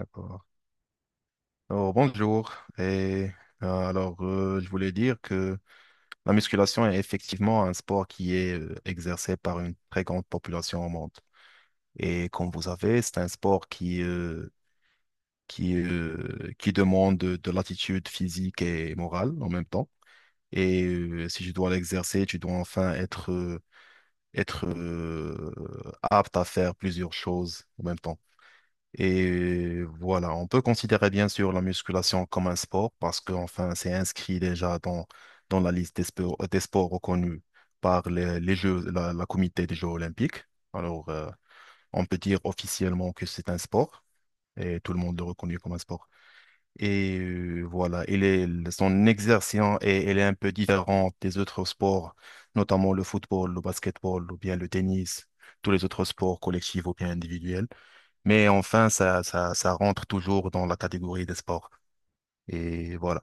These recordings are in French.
D'accord. Alors, bonjour. Et alors, je voulais dire que la musculation est effectivement un sport qui est exercé par une très grande population au monde. Et comme vous savez, c'est un sport qui demande de l'attitude physique et morale en même temps. Et si tu dois l'exercer, tu dois enfin être apte à faire plusieurs choses en même temps. Et voilà, on peut considérer bien sûr la musculation comme un sport parce que enfin, c'est inscrit déjà dans la liste des sports reconnus par les Jeux, la comité des Jeux olympiques. Alors, on peut dire officiellement que c'est un sport et tout le monde le reconnaît comme un sport. Et voilà, il est, son exercice est, elle est un peu différente des autres sports, notamment le football, le basketball ou bien le tennis, tous les autres sports collectifs ou bien individuels. Mais enfin, ça rentre toujours dans la catégorie des sports. Et voilà.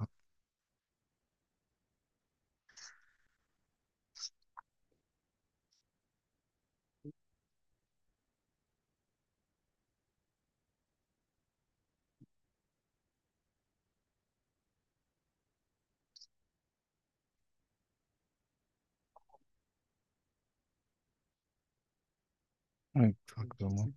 Oui. Exactement.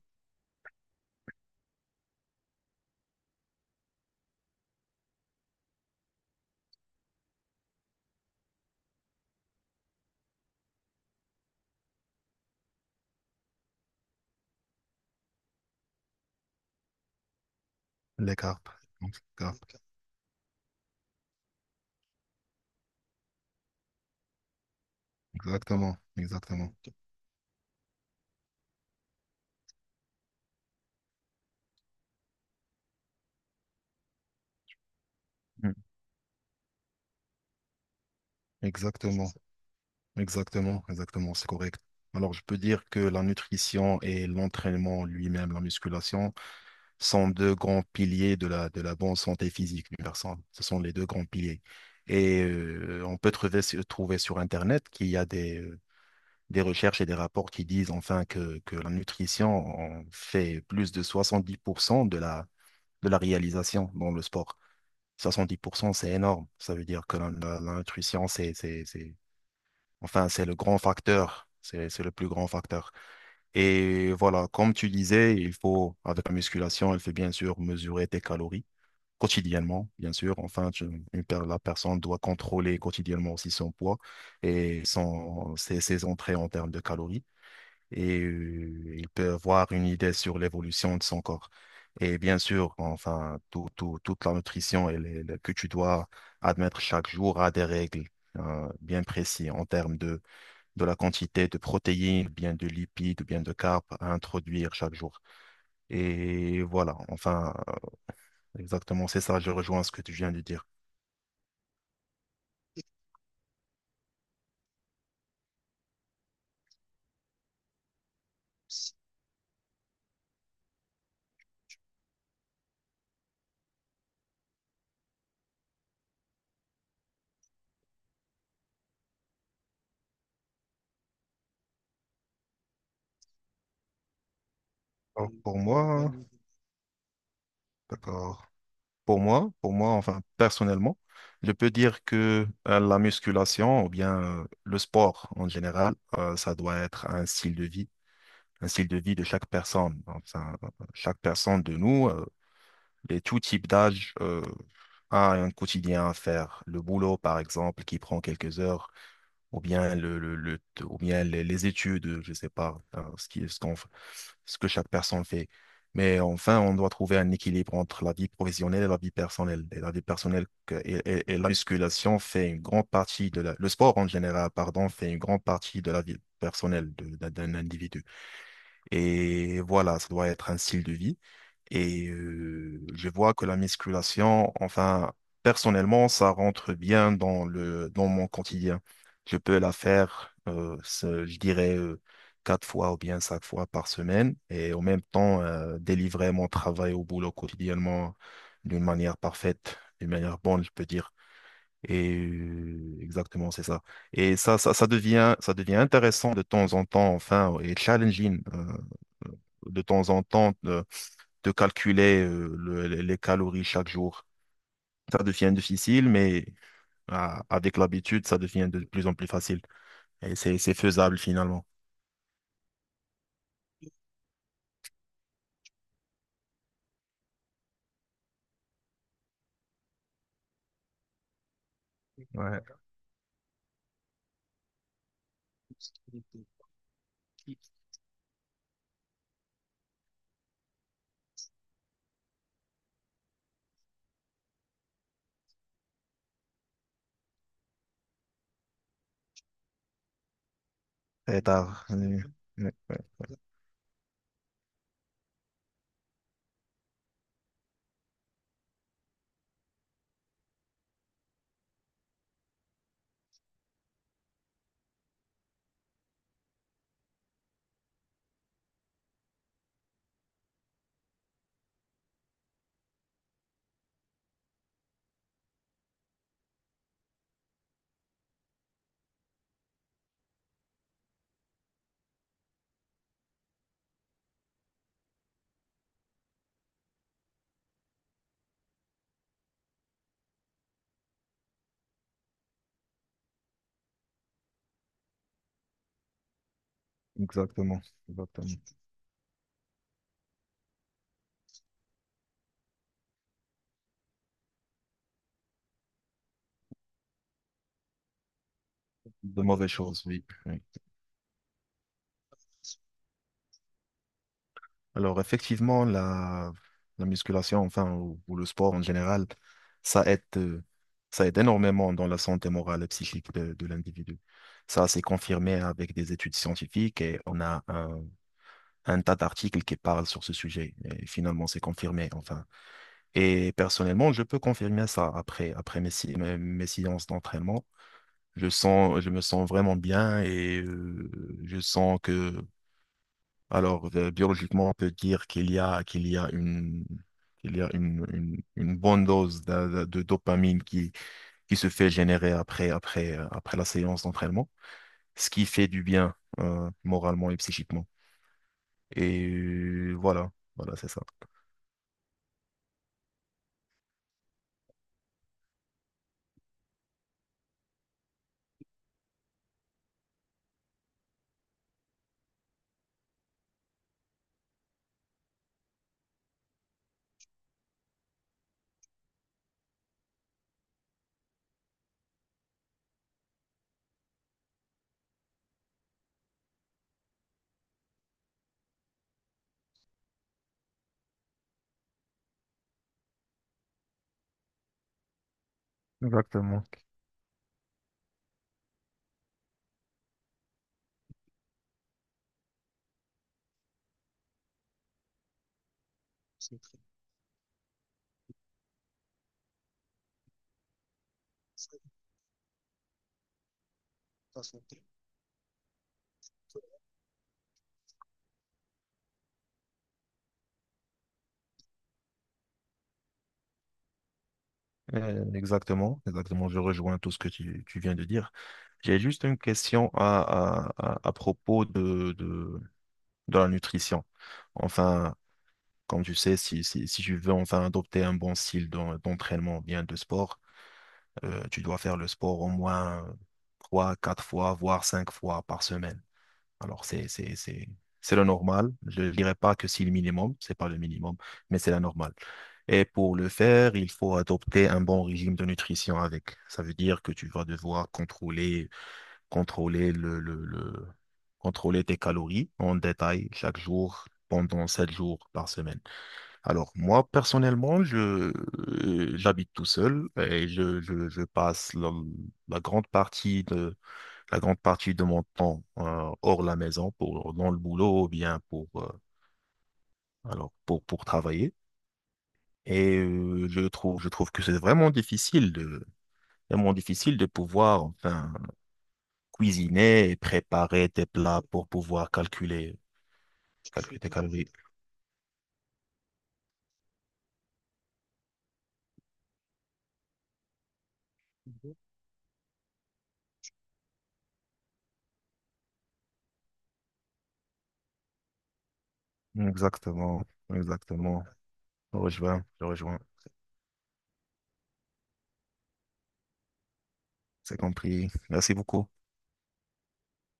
Les carpes. Donc, carpes. Exactement. Exactement. Mm. Exactement. Exactement. Exactement. C'est correct. Alors, je peux dire que la nutrition et l'entraînement lui-même, la musculation, sont deux grands piliers de la, bonne santé physique d'une personne. Ce sont les deux grands piliers. Et on peut trouver sur Internet qu'il y a des recherches et des rapports qui disent enfin que, la nutrition en fait plus de 70% de la réalisation dans le sport. 70% c'est énorme. Ça veut dire que la, la nutrition, enfin, c'est le grand facteur. C'est le plus grand facteur. Et voilà, comme tu disais, il faut, avec la musculation, elle fait bien sûr mesurer tes calories quotidiennement, bien sûr. Enfin, la personne doit contrôler quotidiennement aussi son poids et son, ses entrées en termes de calories et il peut avoir une idée sur l'évolution de son corps. Et bien sûr, enfin, toute la nutrition que tu dois admettre chaque jour a des règles bien précises en termes de la quantité de protéines, bien de lipides, bien de carbs à introduire chaque jour. Et voilà, enfin, exactement, c'est ça, je rejoins ce que tu viens de dire. Alors, pour moi, d'accord. Pour moi, enfin personnellement, je peux dire que la musculation ou bien le sport en général, ça doit être un style de vie, un style de vie de chaque personne. Enfin, chaque personne de nous, et tout type d'âge, a un quotidien à faire. Le boulot, par exemple, qui prend quelques heures, ou bien ou bien les études, je sais pas, hein, ce qui, ce qu'on, f- ce que chaque personne fait. Mais enfin, on doit trouver un équilibre entre la vie professionnelle et la vie personnelle. Et la vie personnelle et la musculation fait une grande partie de la, le sport en général, pardon, fait une grande partie de la vie personnelle d'un individu. Et voilà, ça doit être un style de vie. Et je vois que la musculation, enfin, personnellement, ça rentre bien dans mon quotidien. Je peux la faire, je dirais, quatre fois ou bien cinq fois par semaine et en même temps délivrer mon travail au boulot quotidiennement d'une manière parfaite, d'une manière bonne, je peux dire. Et exactement, c'est ça. Et ça devient intéressant de temps en temps, enfin, et challenging. Euh, de temps en temps de calculer les calories chaque jour. Ça devient difficile, mais ah, avec l'habitude, ça devient de plus en plus facile. Et c'est faisable finalement. Et tard. Ouais, ouais, exactement. Exactement. De mauvaises choses, oui. Oui. Alors effectivement, la musculation, enfin, ou le sport en général, ça aide, euh, ça aide énormément dans la santé morale et psychique de l'individu. Ça, c'est confirmé avec des études scientifiques et on a un tas d'articles qui parlent sur ce sujet. Et finalement, c'est confirmé, enfin. Et personnellement, je peux confirmer ça après mes, si- mes, mes séances d'entraînement. Je me sens vraiment bien et je sens que, alors, biologiquement, on peut dire qu'il y a une, qu'il y a une bonne dose de dopamine qui se fait générer après la séance d'entraînement, ce qui fait du bien, moralement et psychiquement. Et voilà, voilà, c'est ça. Exactement. Exactement, exactement. Je rejoins tout ce que tu viens de dire. J'ai juste une question à propos de la nutrition. Enfin, comme tu sais, si tu veux enfin adopter un bon style d'entraînement, ou bien de sport, tu dois faire le sport au moins trois, quatre fois, voire cinq fois par semaine. Alors, c'est le normal. Je ne dirais pas que c'est le minimum, c'est pas le minimum, mais c'est la normale. Et pour le faire, il faut adopter un bon régime de nutrition avec. Ça veut dire que tu vas devoir contrôler, contrôler le- contrôler tes calories en détail chaque jour pendant 7 jours par semaine. Alors, moi, personnellement, j'habite tout seul et je passe la grande partie de, la grande partie de mon temps hors la maison, dans le boulot ou bien alors, pour travailler. Et je trouve que c'est vraiment difficile de pouvoir enfin, cuisiner et préparer des plats pour pouvoir calculer tes calories. Exactement, exactement. Je rejoins. C'est compris. Merci beaucoup.